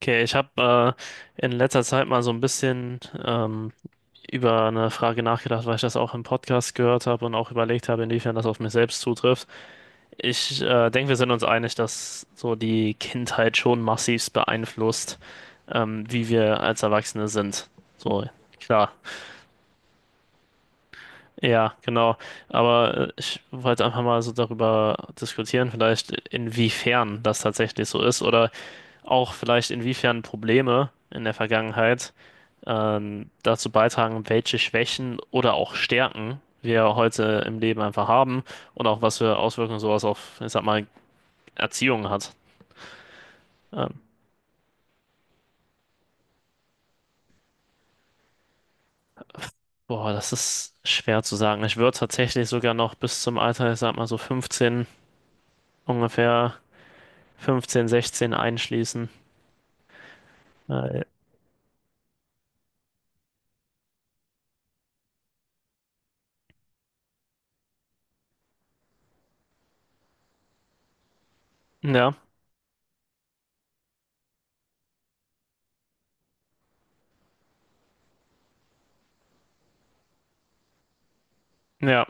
Okay, ich habe in letzter Zeit mal so ein bisschen über eine Frage nachgedacht, weil ich das auch im Podcast gehört habe und auch überlegt habe, inwiefern das auf mich selbst zutrifft. Ich denke, wir sind uns einig, dass so die Kindheit schon massivst beeinflusst, wie wir als Erwachsene sind. So, klar. Ja, genau. Aber ich wollte einfach mal so darüber diskutieren, vielleicht inwiefern das tatsächlich so ist oder auch vielleicht inwiefern Probleme in der Vergangenheit dazu beitragen, welche Schwächen oder auch Stärken wir heute im Leben einfach haben und auch was für Auswirkungen sowas auf, ich sag mal, Erziehung hat. Ähm, boah, das ist schwer zu sagen. Ich würde tatsächlich sogar noch bis zum Alter, ich sag mal so 15, ungefähr 15, 16 einschließen. Äh, ja, ja,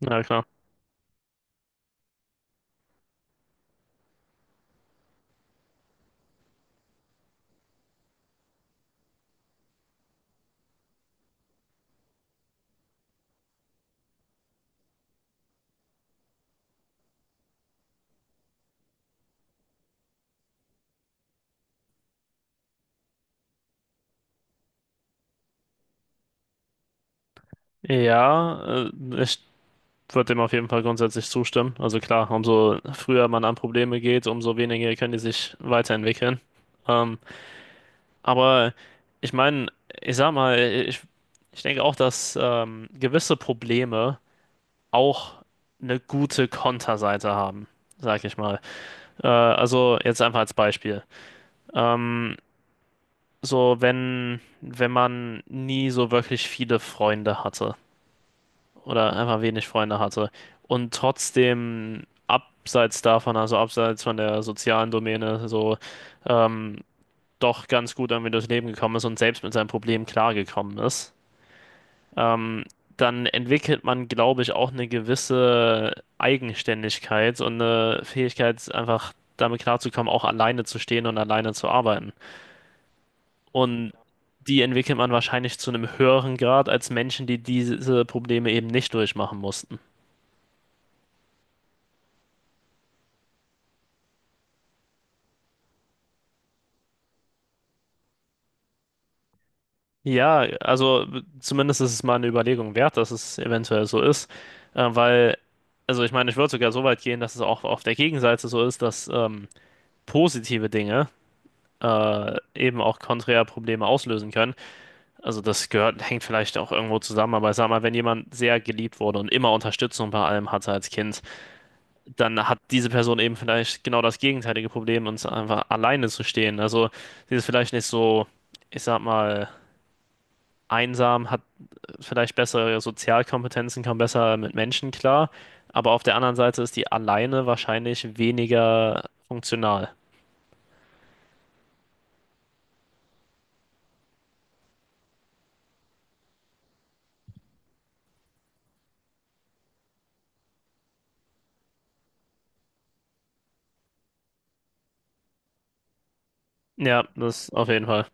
na klar. Ja, ich würde dem auf jeden Fall grundsätzlich zustimmen. Also klar, umso früher man an Probleme geht, umso weniger können die sich weiterentwickeln. Ähm, aber ich meine, ich sag mal, ich denke auch, dass gewisse Probleme auch eine gute Konterseite haben, sag ich mal. Also jetzt einfach als Beispiel. Ähm, so, wenn man nie so wirklich viele Freunde hatte oder einfach wenig Freunde hatte. Und trotzdem abseits davon, also abseits von der sozialen Domäne, so ähm, doch ganz gut irgendwie durchs Leben gekommen ist und selbst mit seinem Problem klargekommen ist, ähm, dann entwickelt man, glaube ich, auch eine gewisse Eigenständigkeit und eine Fähigkeit, einfach damit klarzukommen, auch alleine zu stehen und alleine zu arbeiten. Und die entwickelt man wahrscheinlich zu einem höheren Grad als Menschen, die diese Probleme eben nicht durchmachen mussten. Ja, also zumindest ist es mal eine Überlegung wert, dass es eventuell so ist, weil, also ich meine, ich würde sogar so weit gehen, dass es auch auf der Gegenseite so ist, dass positive Dinge eben auch konträr Probleme auslösen können. Also das gehört, hängt vielleicht auch irgendwo zusammen, aber ich sag mal, wenn jemand sehr geliebt wurde und immer Unterstützung bei allem hatte als Kind, dann hat diese Person eben vielleicht genau das gegenteilige Problem, uns einfach alleine zu stehen. Also sie ist vielleicht nicht so, ich sag mal, einsam, hat vielleicht bessere Sozialkompetenzen, kommen besser mit Menschen klar, aber auf der anderen Seite ist die alleine wahrscheinlich weniger funktional. Ja, das auf jeden Fall.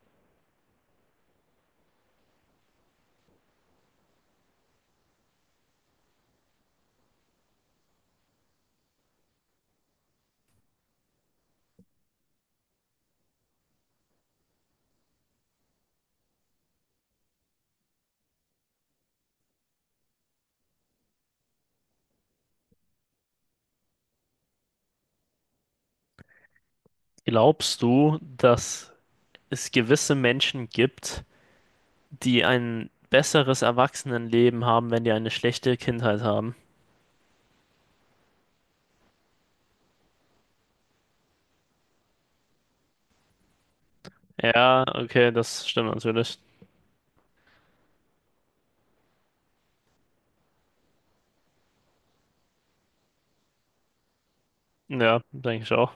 Glaubst du, dass es gewisse Menschen gibt, die ein besseres Erwachsenenleben haben, wenn die eine schlechte Kindheit haben? Ja, okay, das stimmt natürlich. Ja, denke ich auch.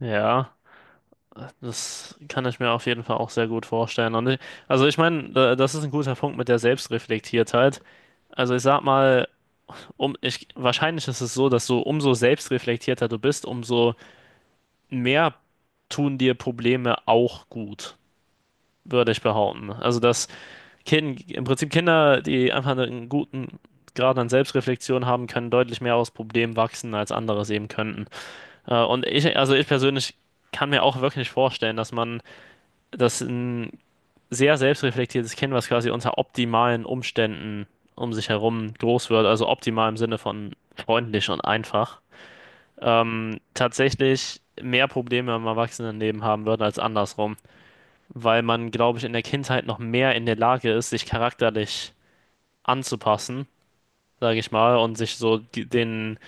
Ja, das kann ich mir auf jeden Fall auch sehr gut vorstellen. Und ich, also ich meine, das ist ein guter Punkt mit der Selbstreflektiertheit. Also ich sag mal, ich, wahrscheinlich ist es so, dass du umso selbstreflektierter du bist, umso mehr tun dir Probleme auch gut, würde ich behaupten. Also im Prinzip Kinder, die einfach einen guten Grad an Selbstreflexion haben, können deutlich mehr aus Problemen wachsen, als andere sehen könnten. Und ich, also ich persönlich kann mir auch wirklich vorstellen, dass ein sehr selbstreflektiertes Kind, was quasi unter optimalen Umständen um sich herum groß wird, also optimal im Sinne von freundlich und einfach, tatsächlich mehr Probleme im Erwachsenenleben haben wird als andersrum, weil man, glaube ich, in der Kindheit noch mehr in der Lage ist, sich charakterlich anzupassen, sage ich mal, und sich so die, den,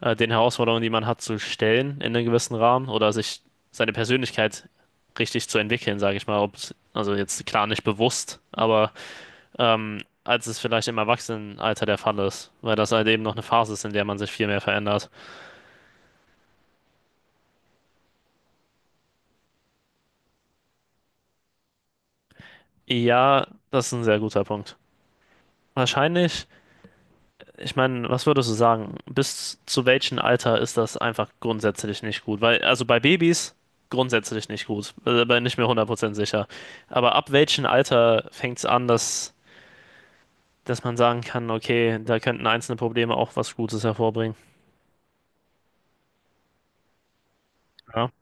äh, den Herausforderungen, die man hat, zu stellen in einem gewissen Rahmen oder sich seine Persönlichkeit richtig zu entwickeln, sage ich mal, ob, also jetzt klar nicht bewusst, aber als es vielleicht im Erwachsenenalter der Fall ist, weil das halt eben noch eine Phase ist, in der man sich viel mehr verändert. Ja, das ist ein sehr guter Punkt. Wahrscheinlich, ich meine, was würdest du sagen? Bis zu welchem Alter ist das einfach grundsätzlich nicht gut? Weil, also bei Babys grundsätzlich nicht gut, bin nicht mehr 100% sicher. Aber ab welchem Alter fängt es an, dass man sagen kann, okay, da könnten einzelne Probleme auch was Gutes hervorbringen? Ja,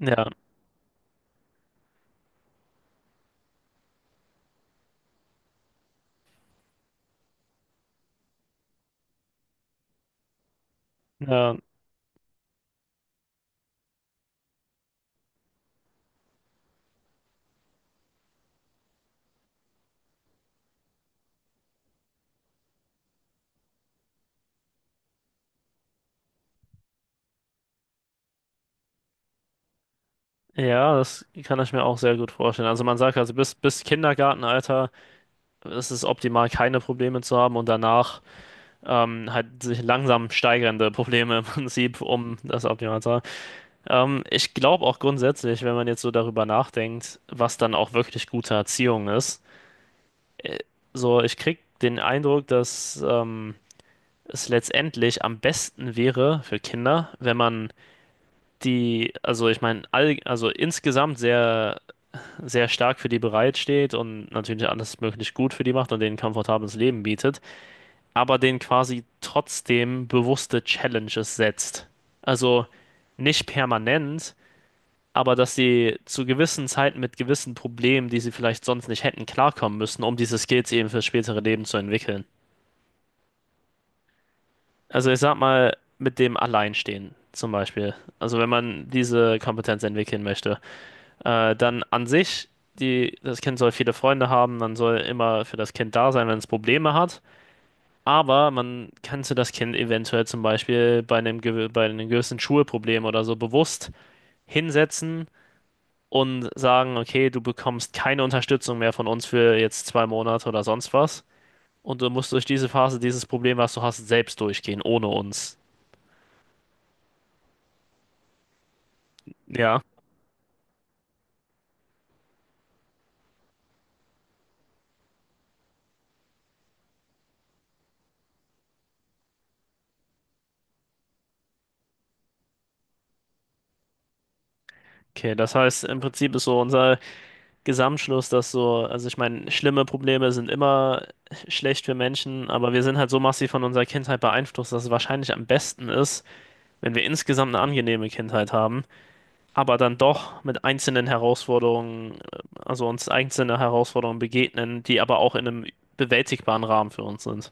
ja, ja, ja, das kann ich mir auch sehr gut vorstellen. Also man sagt also bis Kindergartenalter ist es optimal, keine Probleme zu haben und danach halt sich langsam steigernde Probleme im Prinzip um das optimal zu haben. Ich glaube auch grundsätzlich, wenn man jetzt so darüber nachdenkt, was dann auch wirklich gute Erziehung ist, äh, so ich krieg den Eindruck, dass es letztendlich am besten wäre für Kinder, wenn man die, also ich meine, all, also insgesamt sehr sehr stark für die bereitsteht und natürlich alles möglich gut für die macht und denen ein komfortables Leben bietet, aber denen quasi trotzdem bewusste Challenges setzt. Also nicht permanent, aber dass sie zu gewissen Zeiten mit gewissen Problemen, die sie vielleicht sonst nicht hätten, klarkommen müssen, um diese Skills eben fürs spätere Leben zu entwickeln. Also ich sag mal, mit dem Alleinstehen zum Beispiel. Also wenn man diese Kompetenz entwickeln möchte. Dann an sich, die, das Kind soll viele Freunde haben, man soll immer für das Kind da sein, wenn es Probleme hat. Aber man könnte das Kind eventuell zum Beispiel bei einem, bei einem gewissen Schulproblem oder so bewusst hinsetzen und sagen, okay, du bekommst keine Unterstützung mehr von uns für jetzt 2 Monate oder sonst was. Und du musst durch diese Phase, dieses Problem, was du hast, selbst durchgehen, ohne uns. Ja, okay, das heißt, im Prinzip ist so unser Gesamtschluss, dass so, also ich meine, schlimme Probleme sind immer schlecht für Menschen, aber wir sind halt so massiv von unserer Kindheit beeinflusst, dass es wahrscheinlich am besten ist, wenn wir insgesamt eine angenehme Kindheit haben, aber dann doch mit einzelnen Herausforderungen, also uns einzelne Herausforderungen begegnen, die aber auch in einem bewältigbaren Rahmen für uns sind.